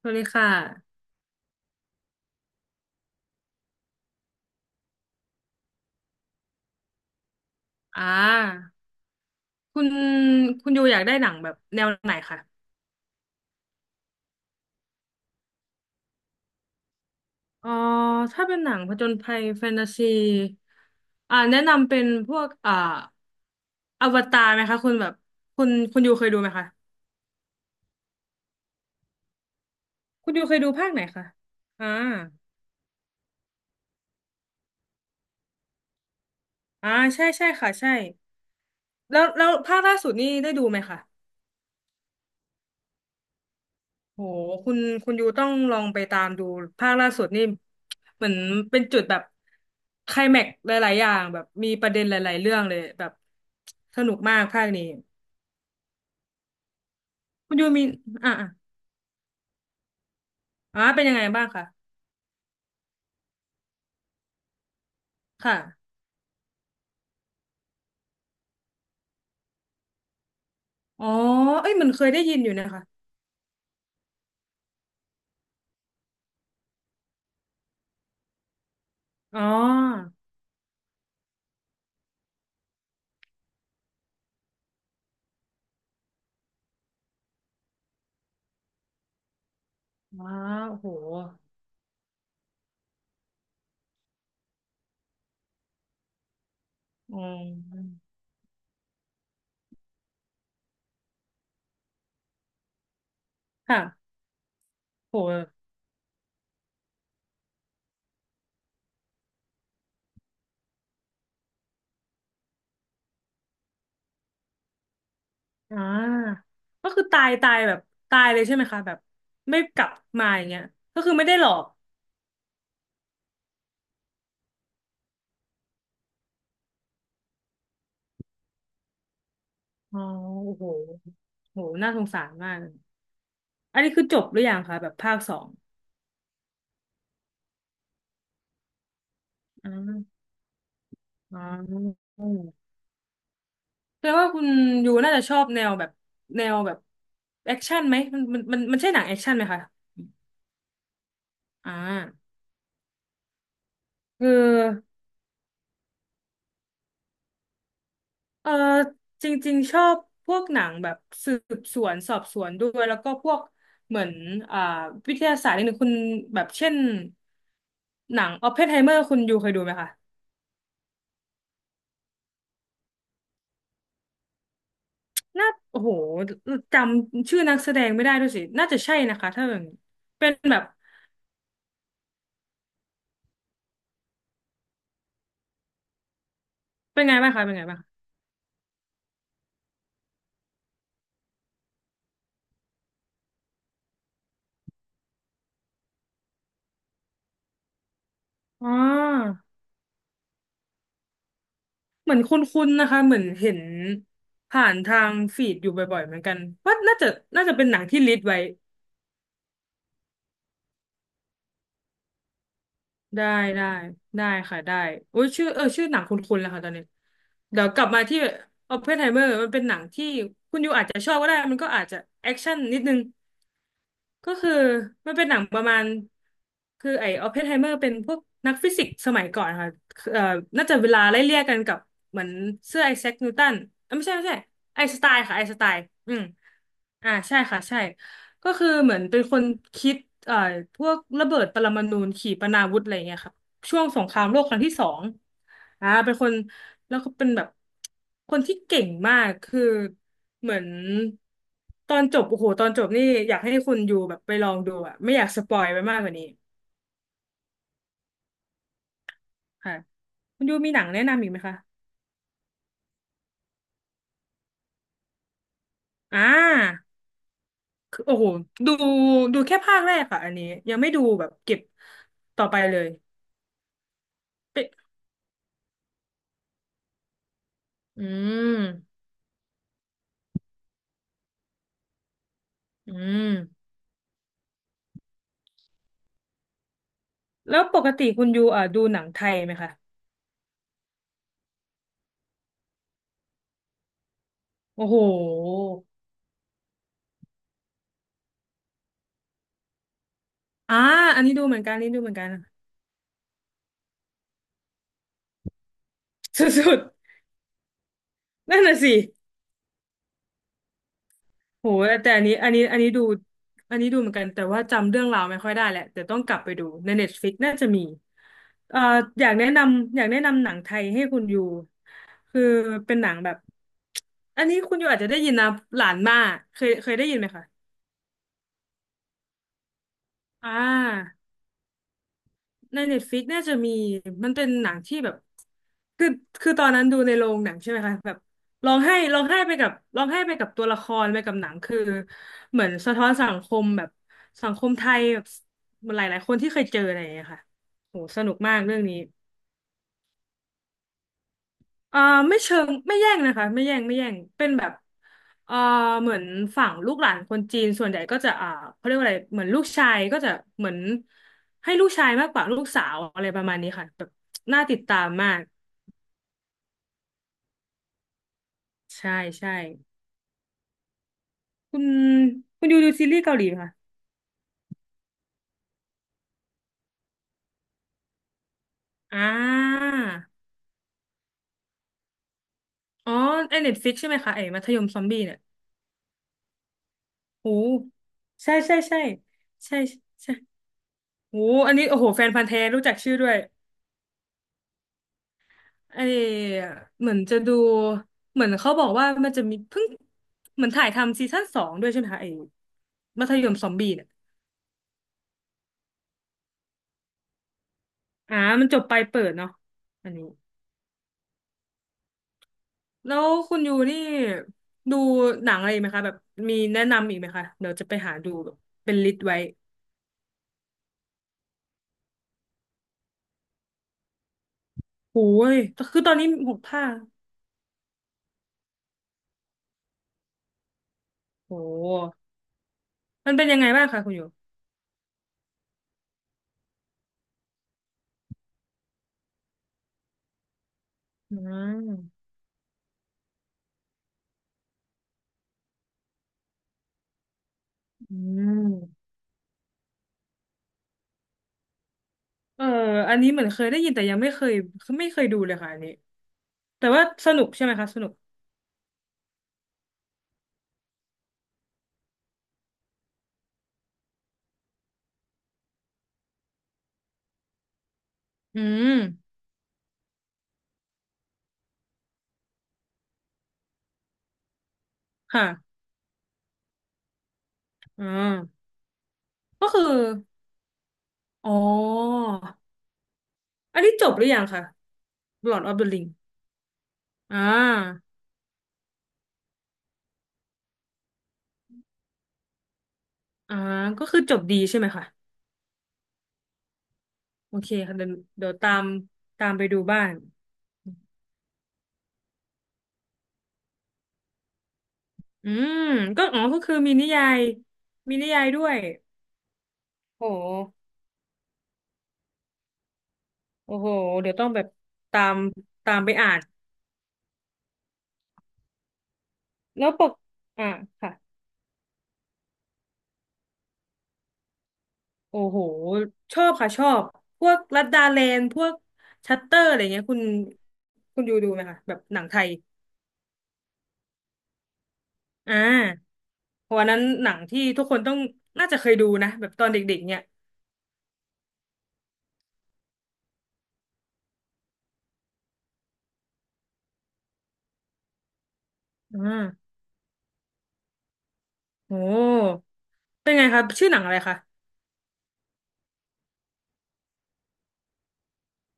สวัสดีค่ะอ่าคุณคุณยูอยากได้หนังแบบแนวไหนคะอ๋อถ้าเป็นหนังผจญภัยแฟนตาซีแนะนำเป็นพวกอวตารไหมคะคุณแบบคุณยูเคยดูไหมคะคุณยูเคยดูภาคไหนคะอ่าอ่าใช่ใช่ค่ะ ใช่ แล้วภาคล่าสุดนี่ได้ดูไหมคะ โหคุณคุณยูต้องลองไปตามดูภาคล่าสุดนี่เหมือนเป็นจุดแบบไคลแม็กซ์หลายๆอย่างแบบมีประเด็นหลายๆเรื่องเลยแบบสนุกมากภาคนี้คุณยูมีอ่ะอ่ะอ่ะเป็นยังไงบ้างคะค่ะอ๋อเอ้ยเหมันเคยได้ยินอยู่นะคะอ๋อว้าวโหอืมค่ะโหอ่าก็คือตายตายแบบตายเลยใช่ไหมคะแบบไม่กลับมาอย่างเงี้ยก็คือไม่ได้หลอก อ๋อโอ้โหโหน่าสงสารมากเลยอันนี้คือจบหรือยังคะแบบภาคสองอ่าอ๋อแปลว่าคุณยูน่าจะชอบแนวแบบแนวแบบแอคชั่นไหม มันใช่หนังแอคชั่นไหมคะอ่าคือเออจริงๆชอบพวกหนังแบบสืบสวนสอบสวนด้วยแล้วก็พวกเหมือนอ่าวิทยาศาสตร์นิดนึงคุณแบบเช่นหนังออปเพนไฮเมอร์คุณยูเคยดูไหมคะ น่าโอ้โหจำชื่อนักแสดงไม่ได้ด้วยสิน่าจะใช่นะคะถ้าแบบนี้เป็นแบบเป็นไงบ้างคะเป็นไงบ้างคะอ๋อเหมือนคุ้นๆนะคะเหมือนเห็นผ่านทางฟีดอยู่บ่อยๆเหมือนกันว่าน่าจะเป็นหนังที่ลิสต์ไว้ได้ได้ได้ค่ะได้โอ้ยชื่อเออชื่อหนังคุ้นๆแล้วค่ะตอนนี้เดี๋ยวกลับมาที่ Oppenheimer มันเป็นหนังที่คุณยูอาจจะชอบก็ได้มันก็อาจจะแอคชั่นนิดนึง ก็คือมันเป็นหนังประมาณคือไอ้ออปเพนไฮเมอร์เป็นพวกนักฟิสิกส์สมัยก่อนค่ะเอ่อน่าจะเวลาไล่เลี่ยกันกับเหมือนเสื้อไอแซคนิวตันเอ้ยไม่ใช่ไม่ใช่ไอน์สไตน์ค่ะไอน์สไตน์อืมใช่ค่ะใช่ก็คือเหมือนเป็นคนคิดเอ่อพวกระเบิดปรมาณูขีปนาวุธอะไรเงี้ยค่ะช่วงสงครามโลกครั้งที่สองเป็นคน แล้วก็เป็นแบบคนที่เก่งมากคือเหมือนตอนจบโอ้โหตอนจบนี่อยากให้คุณยูแบบไปลองดูอะไม่อยากสปอยไปมากกว่านี้ค่ะคุณยูมีหนังแนะนำอีกไหมคะอ่าคือโอ้โหดูดูแค่ภาคแรกค่ะอันนี้ยังไม่ดูแบบเก็บต่อไปเลยเปอืมอืมแล้วปกติคุณยูอ่ะดูหนังไทยไหมคะโอ้โหอ่าอันนี้ดูเหมือนกันอันนี่ดูเหมือนกันสุดๆนั่นน่ะสิ โหแต่อันนี้ดูอันนี้ดูเหมือนกันแต่ว่าจำเรื่องราวไม่ค่อยได้แหละแต่ต้องกลับไปดูใน Netflix น่าจะมีเอ่ออยากแนะนำหนังไทยให้คุณอยู่คือเป็นหนังแบบอันนี้คุณอยู่อาจจะได้ยินนะหลานมาเคยได้ยินไหมคะอ่า ในเน็ตฟ i ิกน่าจะมีมันเป็นหนังที่แบบคือคือตอนนั้นดูในโรงหนังใช่ไหมคะแบบร้องไห้ร้องไห้ไปกับร้องไห้ไปกับตัวละครไปกับหนังคือเหมือนสะท้อนสังคมแบบสังคมไทยแบบหลายๆคนที่เคยเจออะไรอย่างเงี้ยค่ะโหสนุกมากเรื่องนี้ อ่าไม่เชิงไม่แย่งนะคะไม่แย่งเป็นแบบเอ่าเหมือนฝั่งลูกหลานคนจีนส่วนใหญ่ก็จะเขาเรียกว่าอะไรเหมือนลูกชายก็จะเหมือนให้ลูกชายมากกว่าลูกสาวอะไรประมาณนี้ค่ะแบบน่าติดตามมากใช่ใช่คุณคุณดูซีรีส์เกาหลีไหมคะอ่าอ๋อไอเน็ตฟิกใช่ไหมคะไอมัธยมซอมบี้เนี่ยโหใช่ใช่ใช่ใช่ใช่โหอันนี้โอ้โหแฟนพันธุ์แท้รู้จักชื่อด้วย ไอเหมือนจะดูเหมือนเขาบอกว่ามันจะมีเพิ่งเหมือนถ่ายทำซีซั่นสองด้วยใช่ไหมคะไอมัธยมซอมบี้เนี่ยอ่ามันจบไปเปิดเนาะอันนี้แล้วคุณยูนี่ดูหนังอะไรไหมคะแบบมีแนะนำอีกไหมคะเดี๋ยวจะไปหาดูแบบเป็นลิสต์ไว้โอ้ยคือตอนนี้หกภาคโอ้มันเป็นยังไงบ้างคะคุณยูอืมอืมเอออันนี้เหมือนเคยได้ยินแต่ยังไม่เคยไม่เคยดูเลยค่ะอันนี้แต่ว่าสนุกใช่ไหมคะสนุก อืมค่ะอ่าก็คืออ๋ออันนี้จบหรือยังคะ Lord of the Ring อ่าอ่าก็คือจบดีใช่ไหมคะโอเคค่ะเดี๋ยวเดี๋ยวตามไปดูบ้างอืมก็อ๋อก็คือมีนิยายมีนิยายด้วยโอ้โหโอ้โหเดี๋ยวต้องแบบตามตามไปอ่านแล้วปกอ่าค่ะโอ้โหชอบค่ะชอบพวกลัดดาแลนด์พวกชัตเตอร์อะไรเงี้ยคุณคุณดูไหมคะแบบหนังไทย อ่าเพราะวันนั้นหนังที่ทุกคนต้องน่าจะเคยดูนะแบบตอนเด็กๆเนี่ยอ่าโอ้เป็นไงคะชื่อหนังอะไรคะ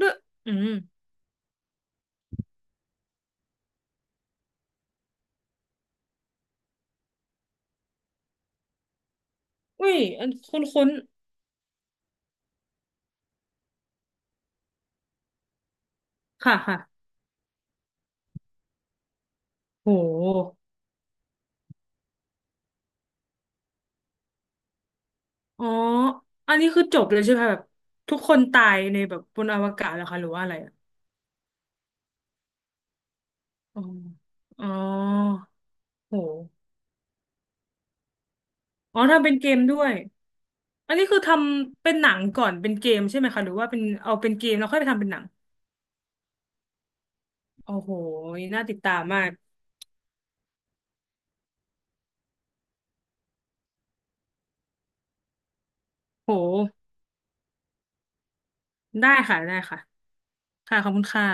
ด้วยอืมอุ้ยอันคุ้นๆค่ะค่ะโหอ๋ออันนี้คือจบเลยใช่ไหมคะแบบทุกคนตายในแบบบนอวกาศแล้วคะหรือว่าอะไรอะอ๋ออ๋อโหอ๋อทำเป็นเกมด้วยอันนี้คือทำเป็นหนังก่อนเป็นเกมใช่ไหมคะหรือว่าเป็นเอาเป็นเกมแล้วค่อยไปทำเป็นหนังโอ้โหน่าติดตามมากโห ได้ค่ะได้ค่ะค่ะขอบคุณค่ะ